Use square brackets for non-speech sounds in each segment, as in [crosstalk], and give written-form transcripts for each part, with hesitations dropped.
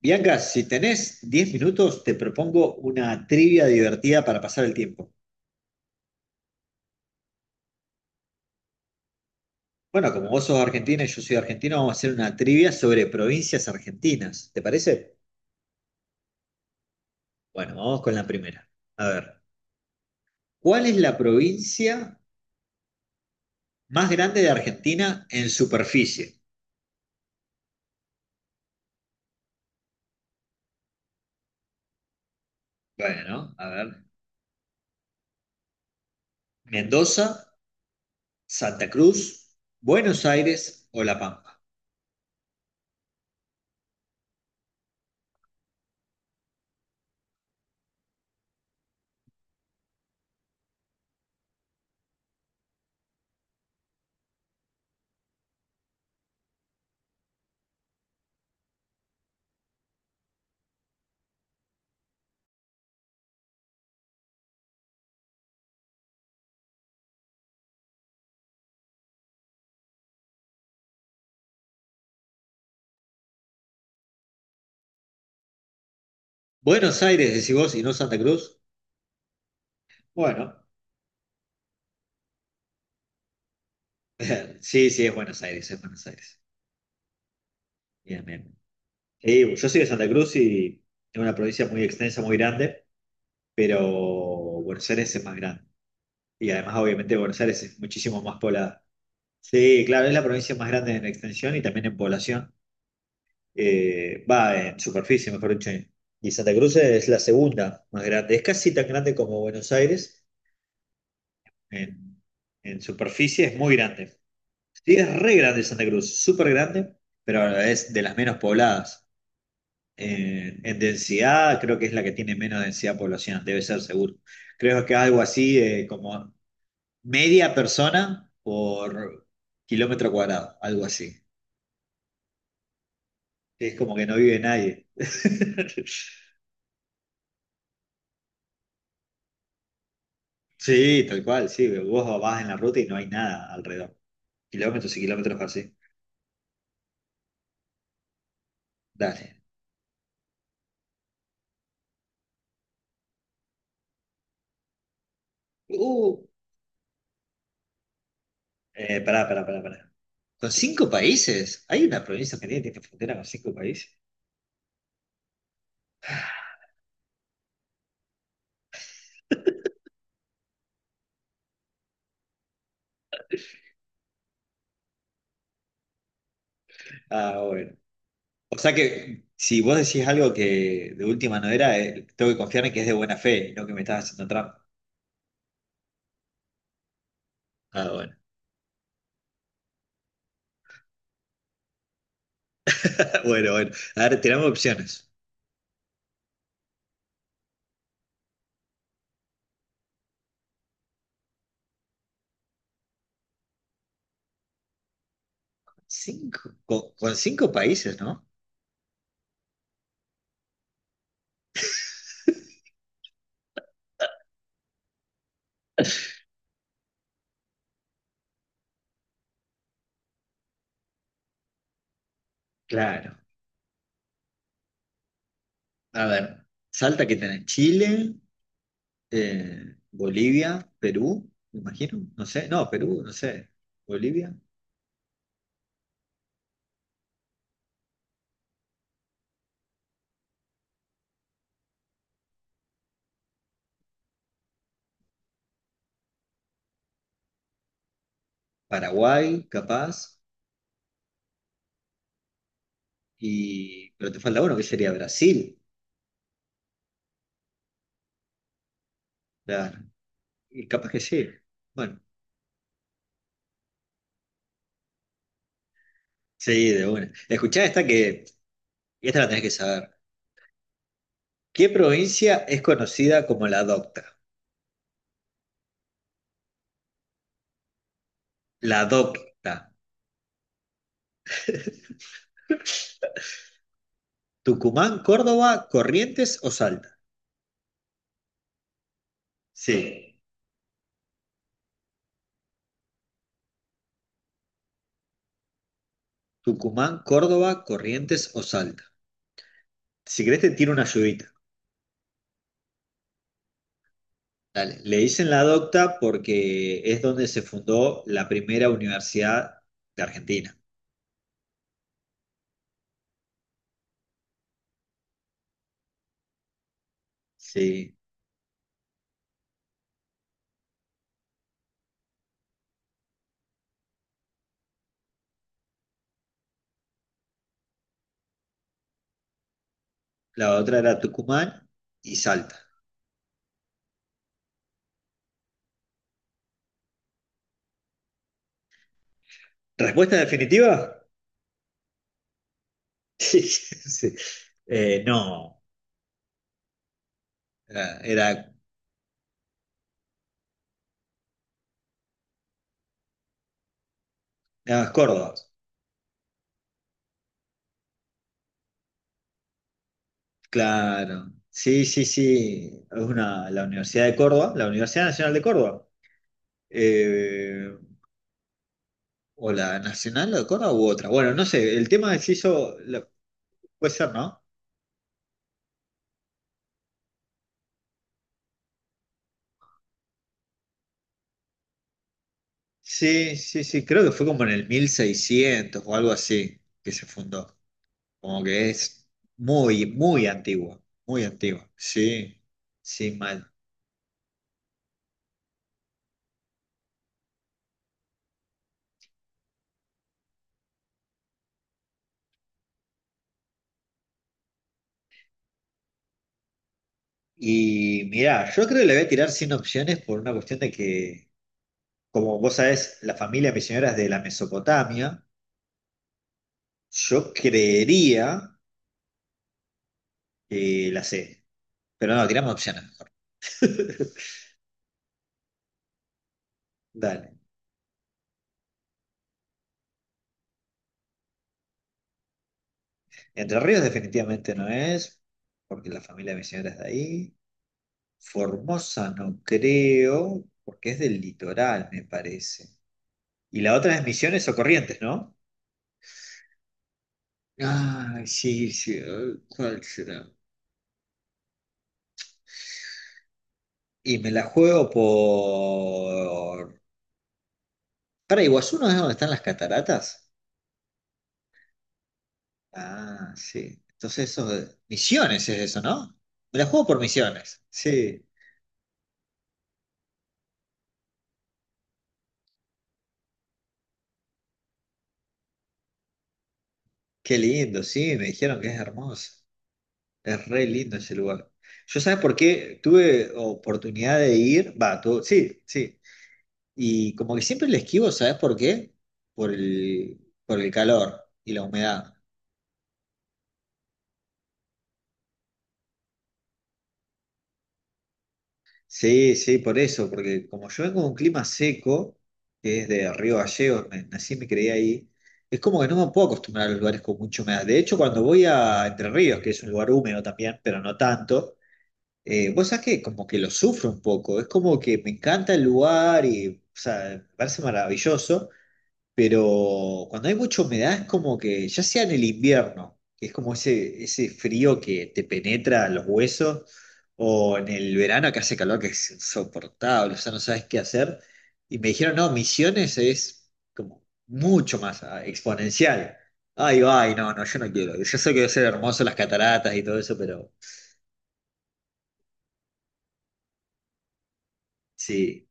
Bianca, si tenés 10 minutos, te propongo una trivia divertida para pasar el tiempo. Bueno, como vos sos argentina y yo soy argentino, vamos a hacer una trivia sobre provincias argentinas. ¿Te parece? Bueno, vamos con la primera. A ver, ¿cuál es la provincia más grande de Argentina en superficie? Bueno, a ver, Mendoza, Santa Cruz, Buenos Aires o La Pampa. Buenos Aires, decís vos, y no Santa Cruz. Bueno, [laughs] sí, sí, es Buenos Aires, es Buenos Aires. Bien, bien. Sí, yo soy de Santa Cruz y es una provincia muy extensa, muy grande, pero Buenos Aires es más grande. Y además, obviamente, Buenos Aires es muchísimo más poblada. Sí, claro, es la provincia más grande en extensión y también en población. Va, en superficie, mejor dicho. Y Santa Cruz es la segunda más grande. Es casi tan grande como Buenos Aires. En, en superficie es muy grande. Sí, es re grande Santa Cruz, súper grande, pero es de las menos pobladas. En densidad, creo que es la que tiene menos densidad poblacional, debe ser seguro. Creo que algo así como media persona por kilómetro cuadrado, algo así. Es como que no vive nadie. [laughs] Sí, tal cual, sí. Vos vas en la ruta y no hay nada alrededor. Kilómetros y kilómetros así. Dale. Uh, pará, pará, pará, pará. ¿Con cinco países? ¿Hay una provincia argentina que tiene frontera con cinco países? Ah, bueno. O sea que si vos decís algo que de última no era, tengo que confiar en que es de buena fe y no que me estás haciendo trampa. Ah, bueno. [laughs] Bueno, bueno. A ver, tiramos opciones. Cinco. Con cinco países, ¿no? Claro. A ver, Salta que tenés Chile, Bolivia, Perú, me imagino. No sé. No, Perú, no sé. Bolivia, Paraguay, capaz. Y. Pero te falta uno, que sería Brasil. Claro. Y capaz que sí. Bueno. Sí, de una. Escuchá esta que. Y esta la tenés que saber. ¿Qué provincia es conocida como la Docta? La Docta. ¿Tucumán, Córdoba, Corrientes o Salta? Sí. Tucumán, Córdoba, Corrientes o Salta. Si querés te tiro una ayudita. Dale. Le dicen la Docta porque es donde se fundó la primera universidad de Argentina. Sí. La otra era Tucumán y Salta. ¿Respuesta definitiva? [laughs] Sí. No. Era, era era Córdoba. Claro, sí, sí, sí, es una, la Universidad de Córdoba, la Universidad Nacional de Córdoba, eh, o la Nacional de Córdoba u otra. Bueno, no sé, el tema se hizo, puede ser, ¿no? Sí, sí, sí, creo que fue como en el 1600 o algo así que se fundó, como que es muy, muy antigua, sí, sí, mal. Y mirá, yo creo que le voy a tirar sin opciones por una cuestión de que... Como vos sabés, la familia misionera es de la Mesopotamia. Yo creería que la C, pero no, tiramos opciones mejor. [laughs] Dale. Entre Ríos definitivamente no es, porque la familia de mi señora es de ahí. Formosa no creo, porque es del litoral, me parece. Y la otra es Misiones o Corrientes, ¿no? Ah, sí, sí, ay, ¿cuál será? Y me la juego por... Para Iguazú no es donde están las cataratas. Ah, sí. Entonces eso de Misiones es eso, ¿no? Me la juego por Misiones. Sí, qué lindo, sí, me dijeron que es hermoso. Es re lindo ese lugar. Yo sabes por qué tuve oportunidad de ir, va, sí, sí. Y como que siempre le esquivo, ¿sabes por qué? Por el, por el calor y la humedad. Sí, sí, por eso, porque como yo vengo de un clima seco, que es de Río Gallegos, nací y me crié ahí, es como que no me puedo acostumbrar a los lugares con mucha humedad. De hecho, cuando voy a Entre Ríos, que es un lugar húmedo también, pero no tanto, vos sabés que como que lo sufro un poco, es como que me encanta el lugar y, o sea, me parece maravilloso, pero cuando hay mucha humedad es como que, ya sea en el invierno, que es como ese frío que te penetra a los huesos, o en el verano que hace calor que es insoportable, o sea, no sabes qué hacer. Y me dijeron, no, Misiones es como mucho más exponencial. Ay, ay, no, no, yo no quiero. Yo sé que debe ser hermoso las cataratas y todo eso, pero sí.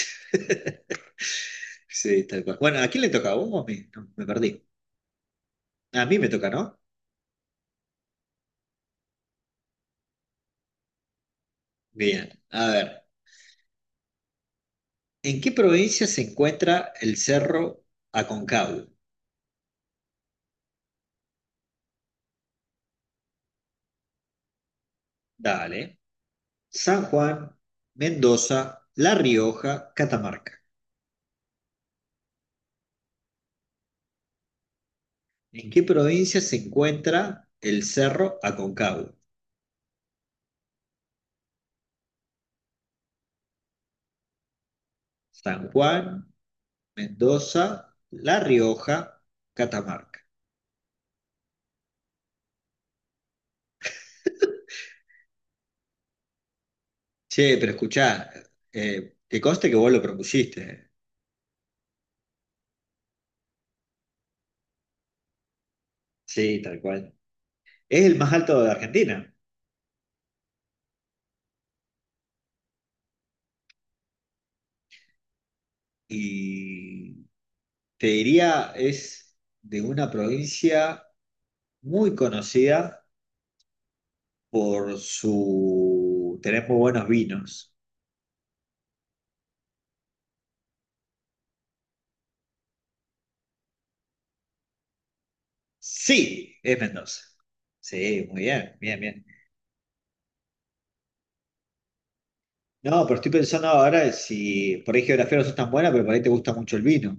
[laughs] Sí, tal cual. Bueno, ¿a quién le toca? ¿A vos o a mí? No, me perdí. A mí me toca, ¿no? Bien, a ver. ¿En qué provincia se encuentra el Cerro Aconcagua? Dale. San Juan, Mendoza, La Rioja, Catamarca. ¿En qué provincia se encuentra el Cerro Aconcagua? San Juan, Mendoza, La Rioja, Catamarca. Che, pero escuchá, que conste que vos lo propusiste. Sí, tal cual. Es el más alto de Argentina y te diría es de una provincia muy conocida por su tener muy buenos vinos. Sí, es Mendoza. Sí, muy bien, bien, bien. No, pero estoy pensando ahora si por ahí geografía no sos tan buena, pero por ahí te gusta mucho el vino.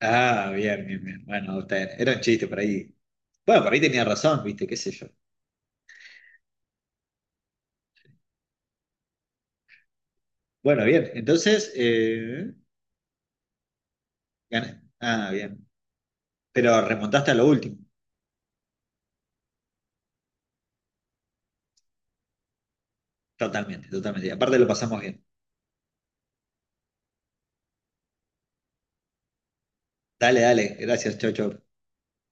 Ah, bien, bien, bien. Bueno, está bien. Era un chiste por ahí. Bueno, por ahí tenía razón, viste, qué sé yo. Bueno, bien, entonces, gané. Ah, bien. Pero remontaste a lo último. Totalmente, totalmente. Y aparte lo pasamos bien. Dale, dale. Gracias, chau, chau.